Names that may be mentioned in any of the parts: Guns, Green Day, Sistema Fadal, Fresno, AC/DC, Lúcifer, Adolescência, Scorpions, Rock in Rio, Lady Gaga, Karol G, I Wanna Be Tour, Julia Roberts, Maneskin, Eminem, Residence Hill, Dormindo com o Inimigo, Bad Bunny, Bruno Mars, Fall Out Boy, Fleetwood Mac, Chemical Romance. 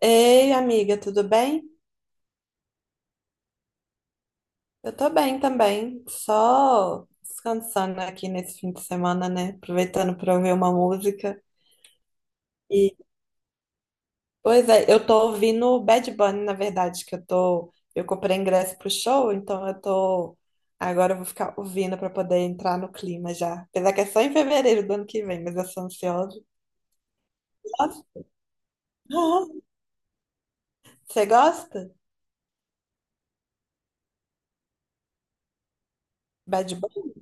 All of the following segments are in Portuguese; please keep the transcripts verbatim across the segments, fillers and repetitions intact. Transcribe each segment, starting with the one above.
Ei, amiga, tudo bem? Eu tô bem também, só descansando aqui nesse fim de semana, né? Aproveitando pra ouvir uma música. E, Pois é, eu tô ouvindo Bad Bunny, na verdade, que eu tô, eu comprei ingresso pro show, então eu tô, agora eu vou ficar ouvindo pra poder entrar no clima já. Apesar que é só em fevereiro do ano que vem, mas eu sou ansiosa. Nossa. Você gosta? Bad Bunny?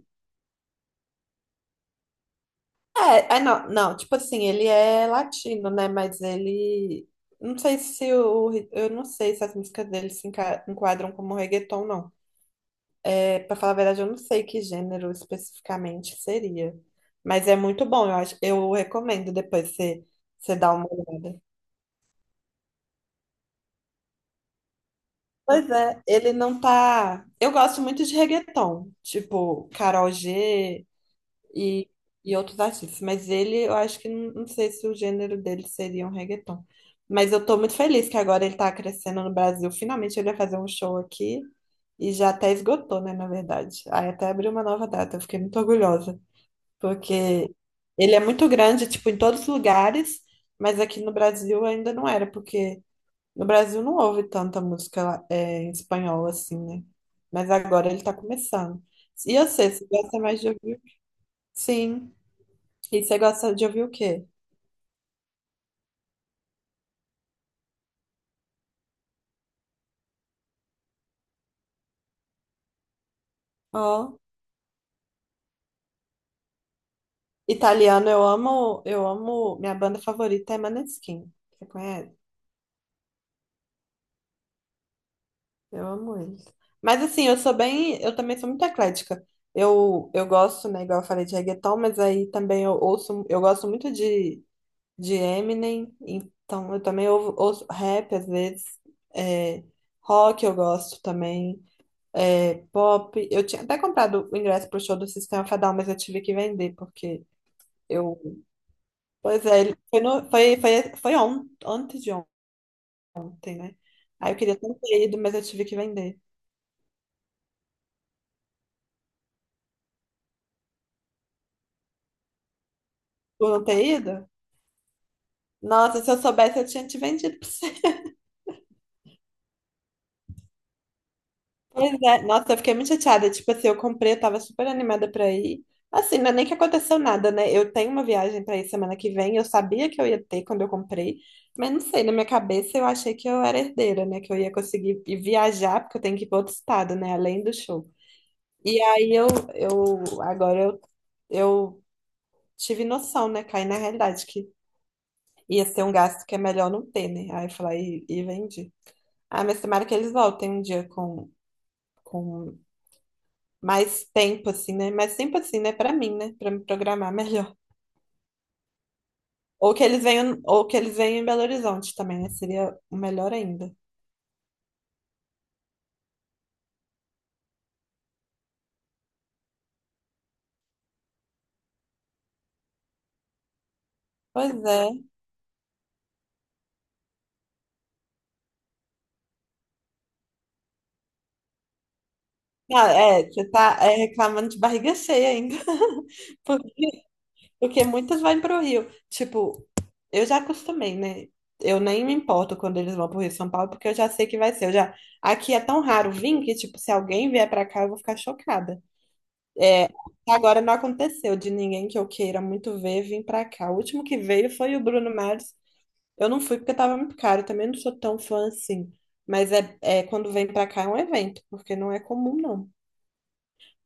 É, é não, não, tipo assim, ele é latino, né? Mas ele. Não sei se o. Eu não sei se as músicas dele se enca- enquadram como reggaeton, não. É, pra falar a verdade, eu não sei que gênero especificamente seria. Mas é muito bom, eu acho, eu recomendo depois você, você dar uma olhada. Pois é, ele não tá. Eu gosto muito de reggaeton, tipo Karol G. e, e outros artistas. Mas ele, eu acho que não, não sei se o gênero dele seria um reggaeton. Mas eu tô muito feliz que agora ele tá crescendo no Brasil. Finalmente ele vai fazer um show aqui e já até esgotou, né, na verdade. Aí até abriu uma nova data, eu fiquei muito orgulhosa, porque ele é muito grande, tipo, em todos os lugares, mas aqui no Brasil ainda não era, porque no Brasil não houve tanta música é, em espanhol assim, né? Mas agora ele tá começando. E eu sei, se gosta mais de ouvir, sim. E você gosta de ouvir o quê? Ó, italiano, eu amo, eu amo, minha banda favorita é Maneskin. Você conhece? Eu amo eles. Mas assim, eu sou bem, eu também sou muito eclética. Eu, eu gosto, né, igual eu falei de reggaeton, mas aí também eu ouço, eu gosto muito de, de Eminem, então eu também ouvo- ouço rap às vezes, é, rock eu gosto também, é, pop. Eu tinha até comprado o ingresso pro show do Sistema Fadal, mas eu tive que vender, porque eu pois é, ele foi, no, foi, foi, foi on, antes de ontem, né? Aí eu queria tanto ter ido, mas eu tive que vender. Por não ter ido? Nossa, se eu soubesse, eu tinha te vendido pra você. Pois é, nossa, eu fiquei muito chateada. Tipo assim, eu comprei, eu tava super animada pra ir. Assim, não é nem que aconteceu nada, né? Eu tenho uma viagem pra ir semana que vem, eu sabia que eu ia ter quando eu comprei, mas não sei, na minha cabeça eu achei que eu era herdeira, né? Que eu ia conseguir ir viajar, porque eu tenho que ir pra outro estado, né? Além do show. E aí eu, eu agora eu. Eu tive noção, né? Caí na realidade que ia ser um gasto que é melhor não ter, né? Aí eu falei, e, e vendi. Ah, mas tomara que eles voltem um dia com, com mais tempo, assim, né? Mais tempo assim, né? Pra mim, né? Pra me programar melhor. Ou que eles venham, ou que eles venham em Belo Horizonte também, né? Seria o melhor ainda. Pois é. Ah, é, você tá é, reclamando de barriga cheia ainda. Porque muitas vão pro Rio. Tipo, eu já acostumei, né? Eu nem me importo quando eles vão pro Rio de São Paulo, porque eu já sei que vai ser. Eu já. Aqui é tão raro vir que, tipo, se alguém vier pra cá, eu vou ficar chocada. É, Agora não aconteceu de ninguém que eu queira muito ver vir pra cá. O último que veio foi o Bruno Mars. Eu não fui porque tava muito caro. Eu também não sou tão fã assim. Mas é, é quando vem pra cá é um evento, porque não é comum, não.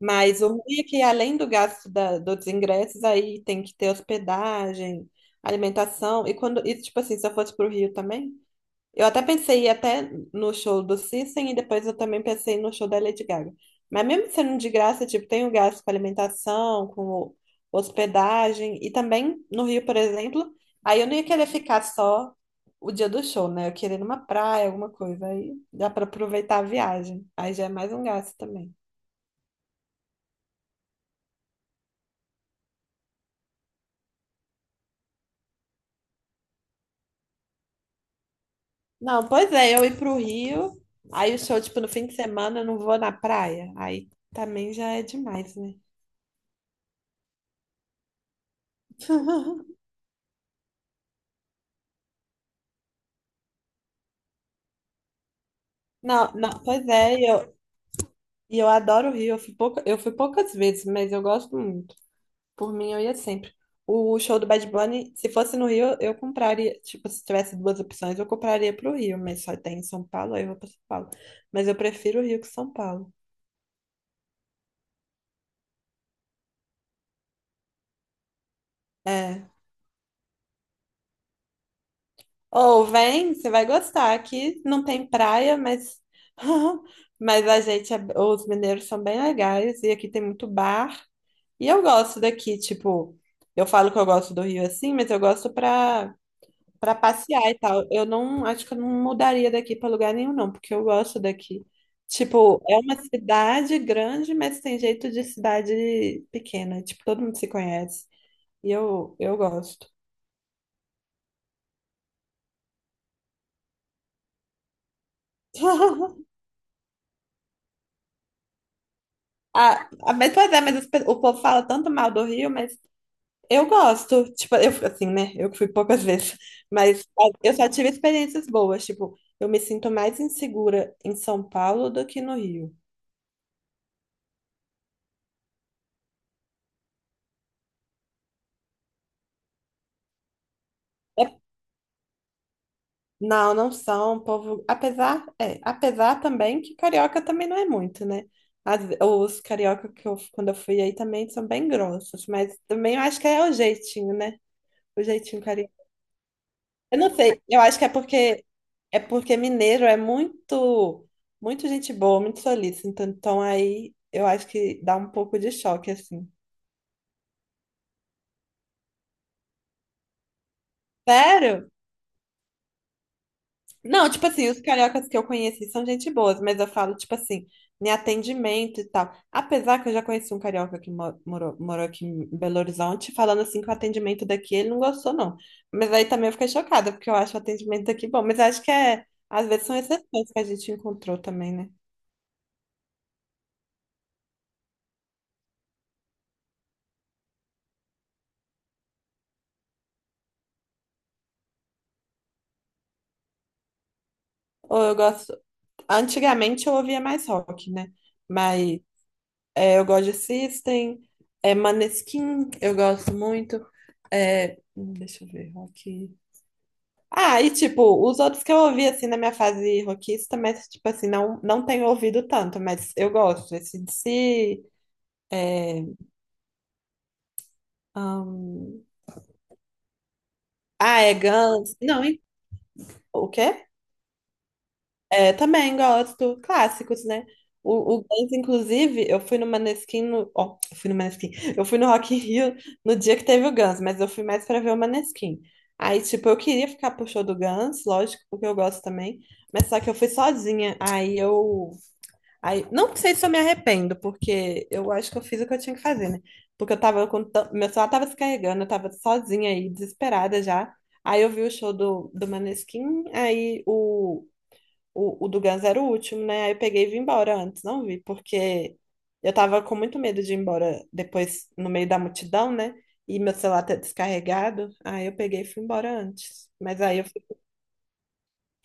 Mas o ruim é que além do gasto da, dos ingressos, aí tem que ter hospedagem, alimentação. E quando, e tipo assim, se eu fosse pro Rio também, eu até pensei em ir até no show do System e depois eu também pensei no show da Lady Gaga. Mas mesmo sendo de graça, tipo, tem o gasto com alimentação, com hospedagem, e também no Rio, por exemplo, aí eu não ia querer ficar só o dia do show, né? Eu queria ir numa praia, alguma coisa, aí dá para aproveitar a viagem. Aí já é mais um gasto também. Não, pois é, eu ir pro Rio, aí o show, tipo, no fim de semana eu não vou na praia, aí também já é demais, né? Não, não, pois é, e eu, e eu adoro o Rio, eu fui pouca, eu fui poucas vezes, mas eu gosto muito. Por mim, eu ia sempre. O show do Bad Bunny, se fosse no Rio, eu compraria, tipo, se tivesse duas opções, eu compraria pro Rio, mas só tem em São Paulo, aí eu vou pra São Paulo. Mas eu prefiro o Rio que São Paulo. É. Ou vem, você vai gostar. Aqui não tem praia, mas mas a gente, é- os mineiros são bem legais e aqui tem muito bar. E eu gosto daqui, tipo, eu falo que eu gosto do Rio assim, mas eu gosto pra para passear e tal. Eu não, Acho que eu não mudaria daqui pra lugar nenhum não, porque eu gosto daqui. Tipo, é uma cidade grande, mas tem jeito de cidade pequena, tipo, todo mundo se conhece. E eu eu gosto. Ah, ah, mas pois é, mas as pe- o povo fala tanto mal do Rio, mas eu gosto. Tipo, eu fico assim, né? Eu que fui poucas vezes, mas ah, eu só tive experiências boas. Tipo, eu me sinto mais insegura em São Paulo do que no Rio. É- não, não são, povo. Apesar, é, apesar também que carioca também não é muito, né? Às ve- os carioca que eu, quando eu fui aí também são bem grossos, mas também eu acho que é o jeitinho, né? O jeitinho Eu não sei, eu acho que é porque é porque mineiro é muito muito gente boa, muito solícito, então, então aí eu acho que dá um pouco de choque assim. Sério? Não, tipo assim, os cariocas que eu conheci são gente boas, mas eu falo tipo assim, em atendimento e tal. Apesar que eu já conheci um carioca que mo- morou, morou aqui em Belo Horizonte, falando assim que o atendimento daqui ele não gostou não. Mas aí também eu fiquei chocada, porque eu acho o atendimento daqui bom, mas acho que é às vezes são exceções que a gente encontrou também, né? Ou eu gosto Antigamente eu ouvia mais rock, né? Mas é, eu gosto de System, é, Maneskin, eu gosto muito. É, hum, deixa eu ver, rock. Ah, e tipo, os outros que eu ouvi assim na minha fase rockista, mas tipo assim, não, não tenho ouvido tanto, mas eu gosto. A C/D C, é, hum, ah, é Guns. Não, e- o quê? É, também gosto. Clássicos, né? O, o Guns, inclusive, eu fui no Maneskin no... ó, eu fui no Maneskin. Eu fui no Rock in Rio no dia que teve o Guns, mas eu fui mais pra ver o Maneskin. Aí, tipo, eu queria ficar pro show do Guns, lógico, porque eu gosto também. Mas só que eu fui sozinha. Aí eu... Aí, não sei se eu me arrependo, porque eu acho que eu fiz o que eu tinha que fazer, né? Porque eu tava com... tan- Meu celular tava se carregando, eu tava sozinha aí, desesperada já. Aí eu vi o show do, do Maneskin, aí o o, o do Guns era o último, né? Aí eu peguei e vim embora antes, não vi, porque eu tava com muito medo de ir embora depois no meio da multidão, né? E meu celular tá descarregado. Aí eu peguei e fui embora antes. Mas aí eu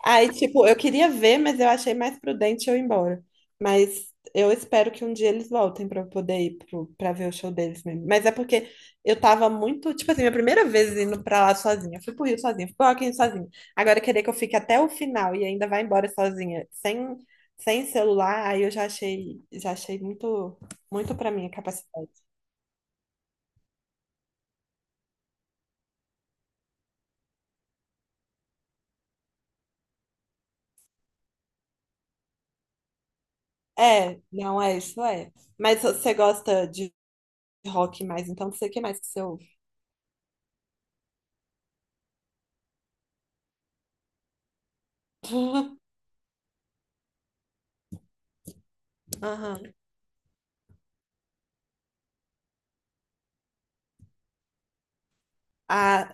Aí, tipo, eu queria ver, mas eu achei mais prudente eu ir embora. Mas eu espero que um dia eles voltem pra eu poder ir pro, pra ver o show deles mesmo. Mas é porque eu tava muito, tipo assim, minha primeira vez indo pra lá sozinha. Eu fui pro Rio sozinha, fui pro Rock in Rio sozinha. Agora querer que eu fique até o final e ainda vá embora sozinha, sem, sem celular, aí eu já achei, já achei muito, muito pra minha capacidade. É, não é isso, é. Mas você gosta de rock mais, então não sei o que mais que você ouve. Aham. Ah,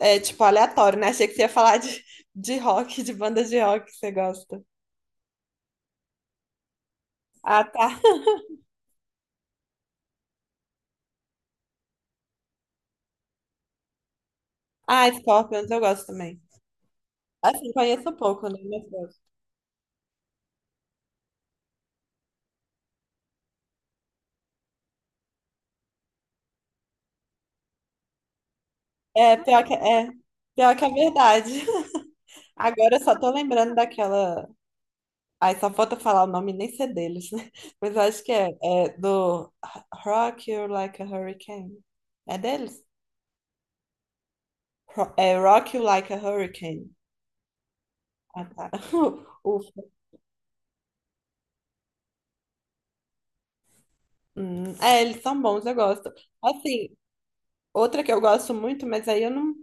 é tipo aleatório, né? Achei que você ia falar de, de rock, de banda de rock que você gosta. Ah, tá. Ah, Scorpions eu gosto também. Assim, conheço pouco, né? Mas gosto. É, pior que, é, Pior que é verdade. Agora eu só tô lembrando daquela. Ai, só falta falar o nome e nem ser deles, né? Mas eu acho que é, é do Rock You Like a Hurricane. É deles? Ro- É Rock You Like a Hurricane. Ah, tá. Ufa. Hum, é, eles são bons, eu gosto. Assim, outra que eu gosto muito, mas aí eu não,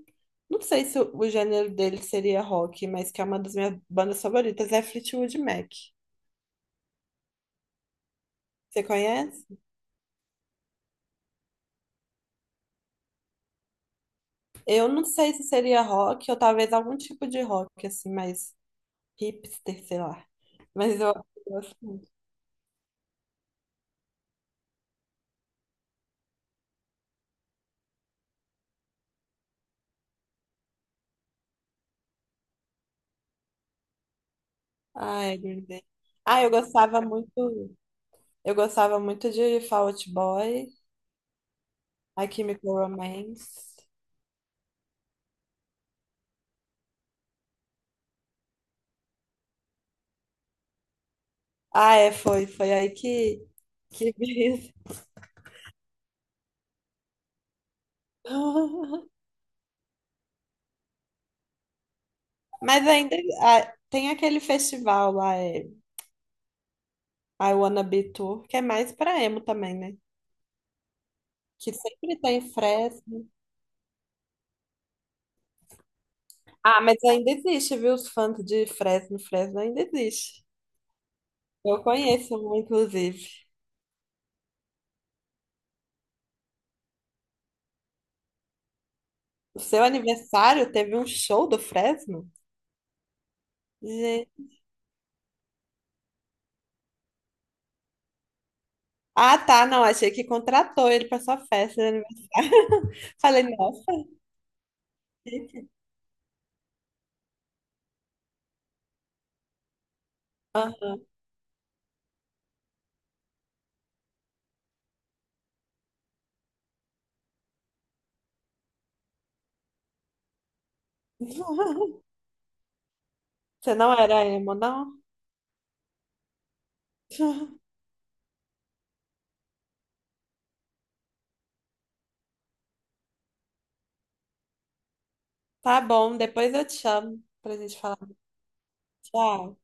não sei se o, o gênero dele seria rock, mas que é uma das minhas bandas favoritas, é Fleetwood Mac. Você conhece? Eu não sei se seria rock ou talvez algum tipo de rock, assim, mais hipster, sei lá. Mas eu gosto muito. Ah, é Green Day. Ah, eu gostava muito. Eu gostava muito de Fall Out Boy, A Chemical Romance. Ah, é, foi. Foi aí que, que veio. Mas ainda ah, tem aquele festival lá, é, I Wanna Be Tour, que é mais pra emo também, né? Que sempre tem Fresno. Ah, mas ainda existe, viu? Os fãs de Fresno, Fresno ainda existe. Eu conheço um, inclusive. O seu aniversário teve um show do Fresno? Gente. Ah, tá, não, achei que contratou ele pra sua festa de aniversário. Falei, nossa, chique. Ah. Você não era emo, não? Tá bom, depois eu te chamo pra gente falar. Tchau.